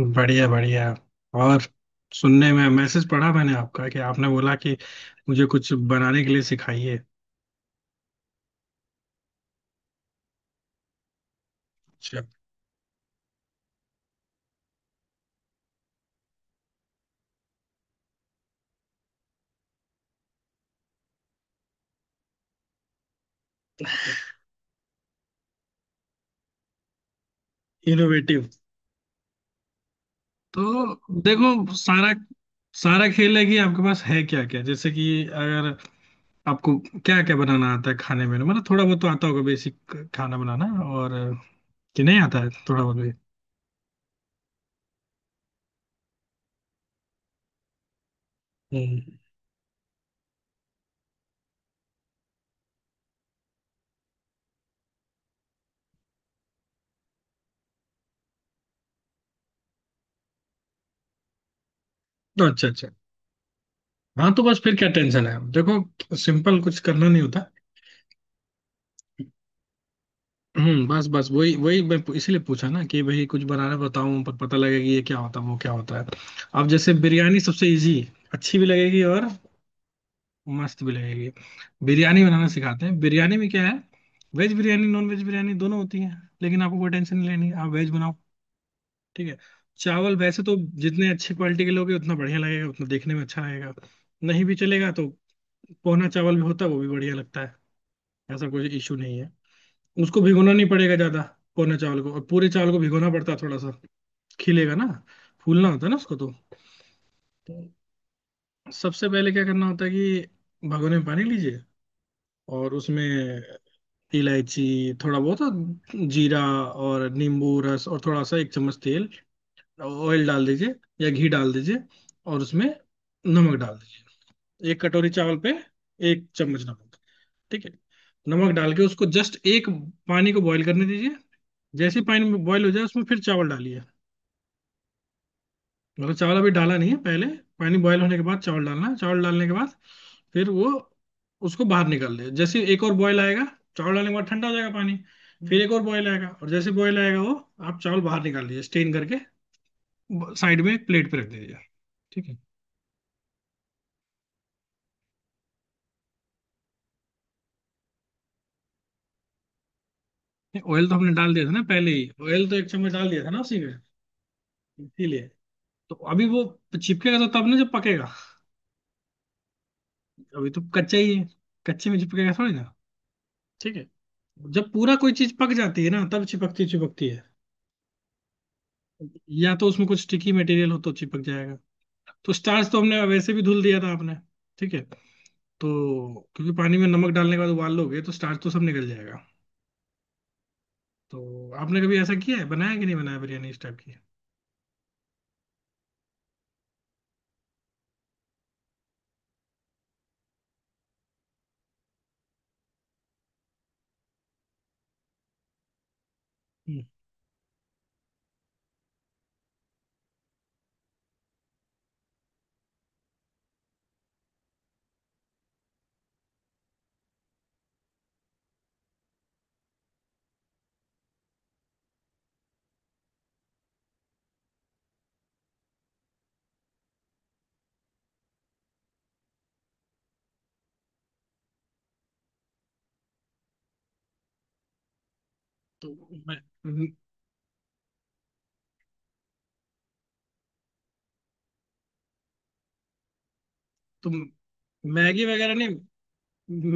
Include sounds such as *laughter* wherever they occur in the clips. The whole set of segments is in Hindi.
बढ़िया बढ़िया। और सुनने में मैसेज पढ़ा मैंने आपका कि आपने बोला कि मुझे कुछ बनाने के लिए सिखाइए। अच्छा। इनोवेटिव। तो देखो सारा सारा खेल है कि आपके पास है क्या क्या। जैसे कि अगर आपको क्या क्या बनाना आता है खाने में, मतलब थोड़ा बहुत तो आता होगा बेसिक खाना बनाना, और कि नहीं आता है थोड़ा बहुत भी। हम्म। अच्छा अच्छा। हाँ तो बस फिर क्या टेंशन है, देखो सिंपल कुछ करना नहीं होता। बस बस वही वही मैं इसीलिए पूछा ना कि भाई कुछ बनाना बताऊं पर पता लगे कि ये क्या होता है वो क्या होता है। अब जैसे बिरयानी सबसे इजी, अच्छी भी लगेगी और मस्त भी लगेगी। बिरयानी बनाना सिखाते हैं, बिरयानी में क्या है, veg biryani non veg biryani दोनों होती है, लेकिन आपको कोई टेंशन नहीं लेनी, आप वेज बनाओ। ठीक है। चावल वैसे तो जितने अच्छी क्वालिटी के लोगे उतना बढ़िया लगेगा, उतना देखने में अच्छा लगेगा। नहीं भी चलेगा तो पोहना चावल भी होता है, वो भी बढ़िया लगता है, ऐसा कोई इशू नहीं है। उसको भिगोना नहीं पड़ेगा ज्यादा। पौने चावल को और पूरे चावल को भिगोना पड़ता है थोड़ा सा। खिलेगा ना, फूलना होता है ना उसको तो। तो सबसे पहले क्या करना होता है कि भगोने में पानी लीजिए, और उसमें इलायची, थोड़ा बहुत जीरा, और नींबू रस, और थोड़ा सा एक चम्मच तेल ऑयल डाल दीजिए, या घी डाल दीजिए। और उसमें नमक डाल दीजिए, एक कटोरी चावल पे एक चम्मच नमक। ठीक है। नमक डाल के उसको जस्ट एक, पानी को बॉईल करने दीजिए। जैसे ही पानी बॉईल हो जाए उसमें फिर चावल डालिए। मतलब चावल अभी डाला नहीं है, पहले पानी बॉयल होने के बाद चावल डालना है। चावल डालने के बाद फिर वो उसको बाहर निकाल दे, जैसे एक और बॉयल आएगा। चावल डालने के बाद ठंडा हो जाएगा पानी, फिर एक और बॉयल आएगा, और जैसे बॉयल आएगा वो आप चावल बाहर निकाल लीजिए स्टेन करके, साइड में एक प्लेट पे रख दीजिए। ठीक है। नहीं, ऑयल तो हमने डाल दिया था ना पहले ही, ऑयल तो एक चम्मच डाल दिया था ना उसी में, इसीलिए। तो अभी वो चिपकेगा तो तब ना जब पकेगा, अभी तो कच्चा ही है, कच्चे में चिपकेगा थोड़ी ना। ठीक है। जब पूरा कोई चीज पक जाती है ना तब चिपकती चिपकती है, या तो उसमें कुछ स्टिकी मटेरियल हो तो चिपक जाएगा। तो स्टार्च तो हमने वैसे भी धुल दिया था आपने। ठीक है। तो क्योंकि पानी में नमक डालने के बाद उबाल लोगे तो स्टार्च तो सब निकल जाएगा। तो आपने कभी ऐसा किया है बनाया कि नहीं बनाया बिरयानी इस टाइप की। हम्म, तो मैं तो मैगी वगैरह नहीं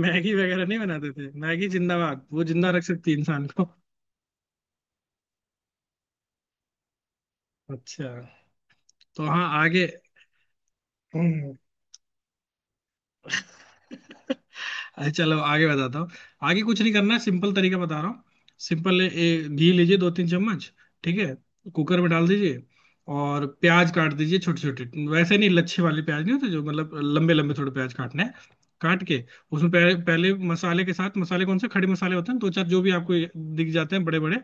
मैगी वगैरह नहीं बनाते थे, मैगी जिंदाबाद, वो जिंदा रख सकती है इंसान को। अच्छा। तो हाँ आगे। हम्म। *laughs* अरे चलो आगे बताता हूँ, आगे कुछ नहीं करना है, सिंपल तरीका बता रहा हूँ। सिंपल घी लीजिए 2-3 चम्मच। ठीक है। कुकर में डाल दीजिए, और प्याज काट दीजिए छोटे छोटे, वैसे नहीं लच्छे वाले प्याज नहीं होते जो, मतलब लंबे लंबे थोड़े प्याज काटने हैं। काट के उसमें पहले पहले मसाले के साथ, मसाले कौन से, खड़े मसाले होते हैं दो चार जो भी आपको दिख जाते हैं बड़े बड़े,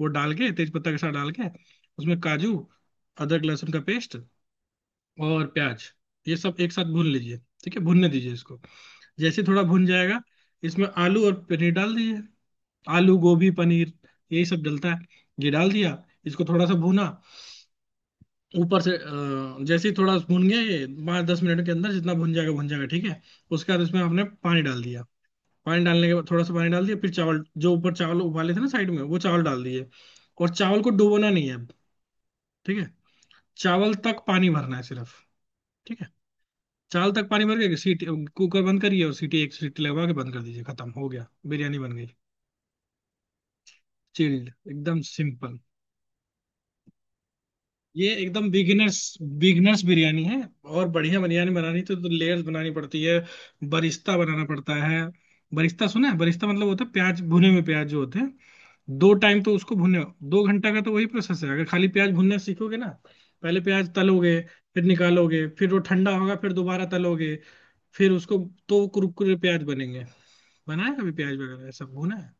वो डाल के, तेज पत्ता के साथ डाल के, उसमें काजू, अदरक लहसुन का पेस्ट और प्याज, ये सब एक साथ भून लीजिए। ठीक है, भूनने दीजिए इसको, जैसे थोड़ा भुन जाएगा, इसमें आलू और पनीर डाल दीजिए, आलू गोभी पनीर यही सब डलता है। ये डाल दिया, इसको थोड़ा सा भुना, ऊपर से जैसे ही थोड़ा भुन गया ये, 5-10 मिनट के अंदर जितना भुन जाएगा भुन जाएगा। ठीक है। उसके बाद इसमें आपने पानी डाल दिया, पानी डालने के बाद थोड़ा सा पानी डाल दिया, फिर चावल जो ऊपर चावल उबाले थे ना साइड में, वो चावल डाल दिए। और चावल को डुबोना नहीं है अब। ठीक है। चावल तक पानी भरना है सिर्फ। ठीक है। चावल तक पानी भर के, सीटी, कुकर बंद करिए और सीटी एक सीटी लगवा के बंद कर दीजिए, खत्म हो गया। बिरयानी बन गई, चिल्ड, एकदम सिंपल। ये एकदम बिगिनर्स, बिगिनर्स बिरयानी है। और बढ़िया बिरयानी बनानी तो लेयर्स बनानी पड़ती है, बरिस्ता बनाना पड़ता है। बरिस्ता सुना है, बरिस्ता मतलब होता है प्याज, भुने हुए प्याज जो होते हैं, 2 टाइम तो उसको भुने, 2 घंटा का तो वही प्रोसेस है। अगर खाली प्याज भुनना सीखोगे ना, पहले प्याज तलोगे, फिर निकालोगे, फिर वो ठंडा होगा, फिर दोबारा तलोगे, फिर उसको, तो कुरकुरे प्याज बनेंगे। बनाया कभी प्याज वगैरह सब भुना है।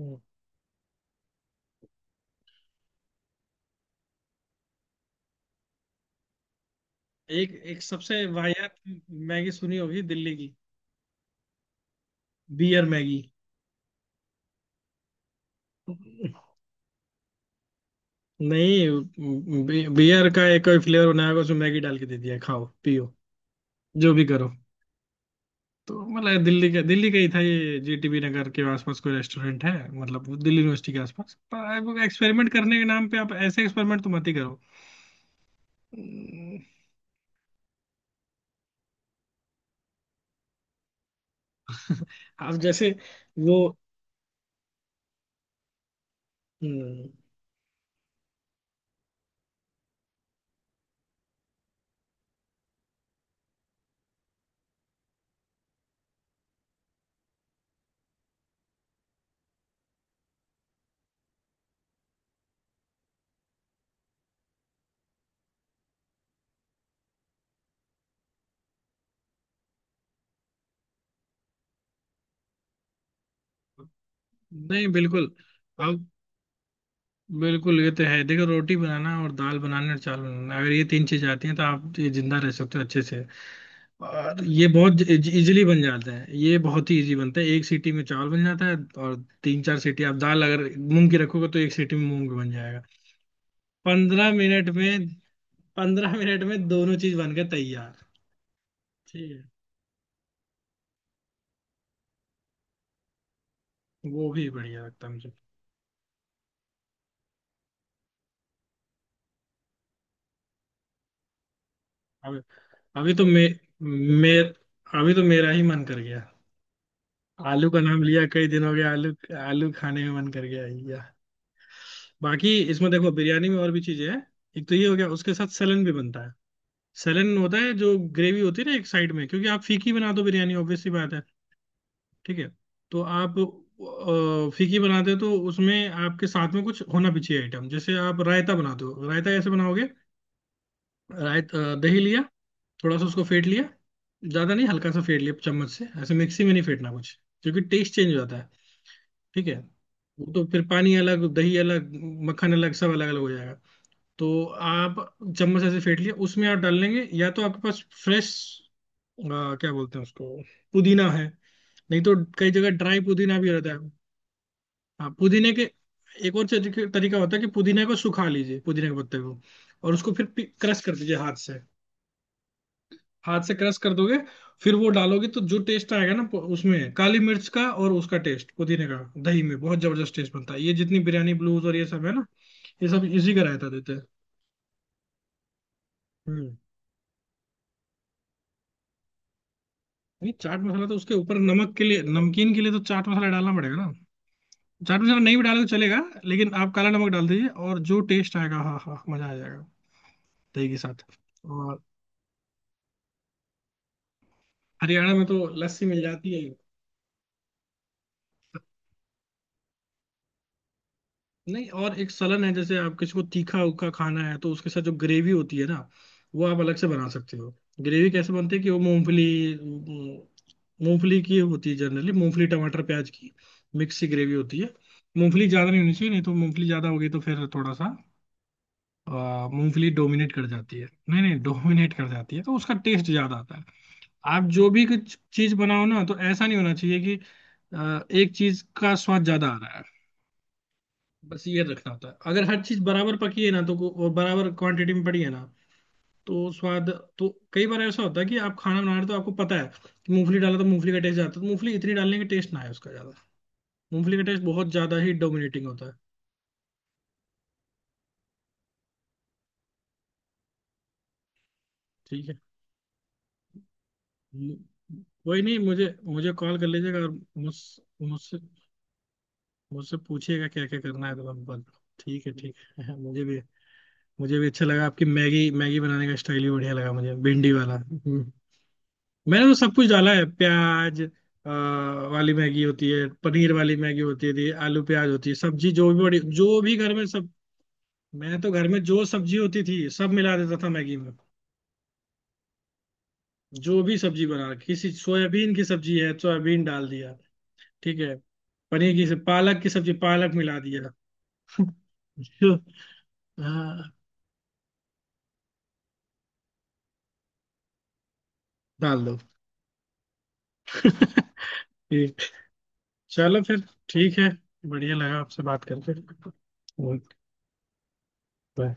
हम्म। एक एक सबसे वाहियात मैगी सुनी होगी दिल्ली की, बियर मैगी। नहीं, बियर का एक कोई फ्लेवर बनाया होगा, उसमें मैगी डाल के दे दिया, खाओ पियो जो भी करो। तो मतलब दिल्ली का ही था ये, जीटीबी नगर के आसपास कोई रेस्टोरेंट है, मतलब वो दिल्ली यूनिवर्सिटी के आसपास। पर एक्सपेरिमेंट करने के नाम पे आप ऐसे एक्सपेरिमेंट तो मत ही करो। हम्म, आप जैसे वो हम्म, नहीं बिल्कुल। आप बिल्कुल, ये तो है देखो, रोटी बनाना और दाल बनाना और चावल बनाना, अगर ये तीन चीज आती हैं तो आप ये जिंदा रह सकते हो अच्छे से। और ये बहुत इजीली बन जाता है, ये बहुत ही इजी बनता है, एक सीटी में चावल बन जाता है। और 3-4 सीटी, आप दाल अगर मूंग की रखोगे तो एक सीटी में मूंग बन जाएगा। 15 मिनट में, 15 मिनट में दोनों चीज बनकर तैयार। ठीक है। वो भी बढ़िया लगता है मुझे। अभी अभी तो मे, मे, अभी तो मेरा ही मन कर गया। आलू का नाम लिया, कई दिन हो गए आलू, आलू खाने में मन कर गया। या बाकी इसमें देखो, बिरयानी में और भी चीजें हैं, एक तो ये हो गया, उसके साथ सलन भी बनता है। सेलन होता है जो ग्रेवी होती है ना, एक साइड में, क्योंकि आप फीकी बना दो बिरयानी ऑब्वियसली बात है। ठीक है। तो आप फीकी बनाते हो तो उसमें आपके साथ में कुछ होना भी चाहिए आइटम, जैसे आप रायता बनाते हो। रायता कैसे बनाओगे, दही लिया, थोड़ा सा उसको फेंट लिया, ज्यादा नहीं हल्का सा फेंट लिया चम्मच से ऐसे, मिक्सी में नहीं फेंटना कुछ, क्योंकि टेस्ट चेंज हो जाता है। ठीक है। वो तो फिर पानी अलग, दही अलग, मक्खन अलग, सब अलग अलग हो जाएगा। तो आप चम्मच ऐसे फेंट लिया, उसमें आप डाल लेंगे, या तो आपके पास फ्रेश, क्या बोलते हैं उसको, पुदीना है, नहीं तो कई जगह ड्राई पुदीना भी रहता है। हाँ पुदीने के एक और तरीका होता है कि पुदीने को सुखा लीजिए, पुदीने के पत्ते को, और उसको फिर क्रश कर दीजिए हाथ से। हाथ से क्रश कर दोगे फिर वो डालोगे तो जो टेस्ट आएगा ना उसमें काली मिर्च का और उसका टेस्ट, पुदीने का दही में बहुत जबरदस्त टेस्ट बनता है। ये जितनी बिरयानी ब्लूज और ये सब है ना, ये सब इसी का रायता देते हैं। हम्म। नहीं, चाट मसाला तो उसके ऊपर नमक के लिए, नमकीन के लिए तो चाट मसाला डालना पड़ेगा ना। चाट मसाला नहीं भी डाले तो चलेगा, लेकिन आप काला नमक डाल दीजिए, और जो टेस्ट आएगा, हाँ हाँ, मजा आ जाएगा दही के साथ। और हरियाणा में तो लस्सी मिल जाती है। नहीं, और एक सलन है, जैसे आप किसी को तीखा उखा खाना है तो उसके साथ जो ग्रेवी होती है ना, वो आप अलग से बना सकते हो। ग्रेवी कैसे बनती है कि वो मूंगफली, मूंगफली की होती है जनरली, मूंगफली टमाटर प्याज की मिक्स सी ग्रेवी होती है। मूंगफली ज्यादा नहीं होनी चाहिए, नहीं तो मूंगफली ज्यादा होगी तो फिर थोड़ा सा मूंगफली डोमिनेट कर जाती है, नहीं नहीं डोमिनेट कर जाती है तो उसका टेस्ट ज्यादा आता है। आप जो भी कुछ चीज बनाओ ना तो ऐसा नहीं होना चाहिए कि एक चीज का स्वाद ज्यादा आ रहा है। बस ये रखना होता है अगर हर चीज बराबर पकी है ना तो और बराबर क्वांटिटी में पड़ी है ना, तो स्वाद। तो कई बार ऐसा होता है कि आप खाना बना रहे हो तो आपको पता है कि मूंगफली डाला तो मूंगफली का टेस्ट जाता है, तो मूंगफली इतनी डालने का टेस्ट ना है उसका ज्यादा। मूंगफली का टेस्ट बहुत ज्यादा ही डोमिनेटिंग होता है। ठीक है। कोई नहीं, मुझे मुझे कॉल कर लीजिएगा। और मुझ मुझसे मुझसे पूछिएगा क्या क्या करना है तो मैं बता दूँ। ठीक है ठीक है। *laughs* मुझे भी, मुझे भी अच्छा लगा, आपकी मैगी मैगी बनाने का स्टाइल भी बढ़िया लगा मुझे, भिंडी वाला। हम्म। मैंने तो सब कुछ डाला है, प्याज वाली मैगी होती है, पनीर वाली मैगी होती थी, आलू प्याज होती है, सब्जी जो भी बड़ी जो भी घर में सब। मैं तो घर में जो सब्जी होती थी सब मिला देता था मैगी में, जो भी सब्जी बना, किसी सोयाबीन की सब्जी है सोयाबीन डाल दिया, ठीक है, पनीर की पालक की सब्जी पालक मिला दिया। *laughs* जो हाँ डाल दो। *laughs* ठीक, चलो फिर, ठीक है, बढ़िया लगा आपसे बात करके। Okay, bye.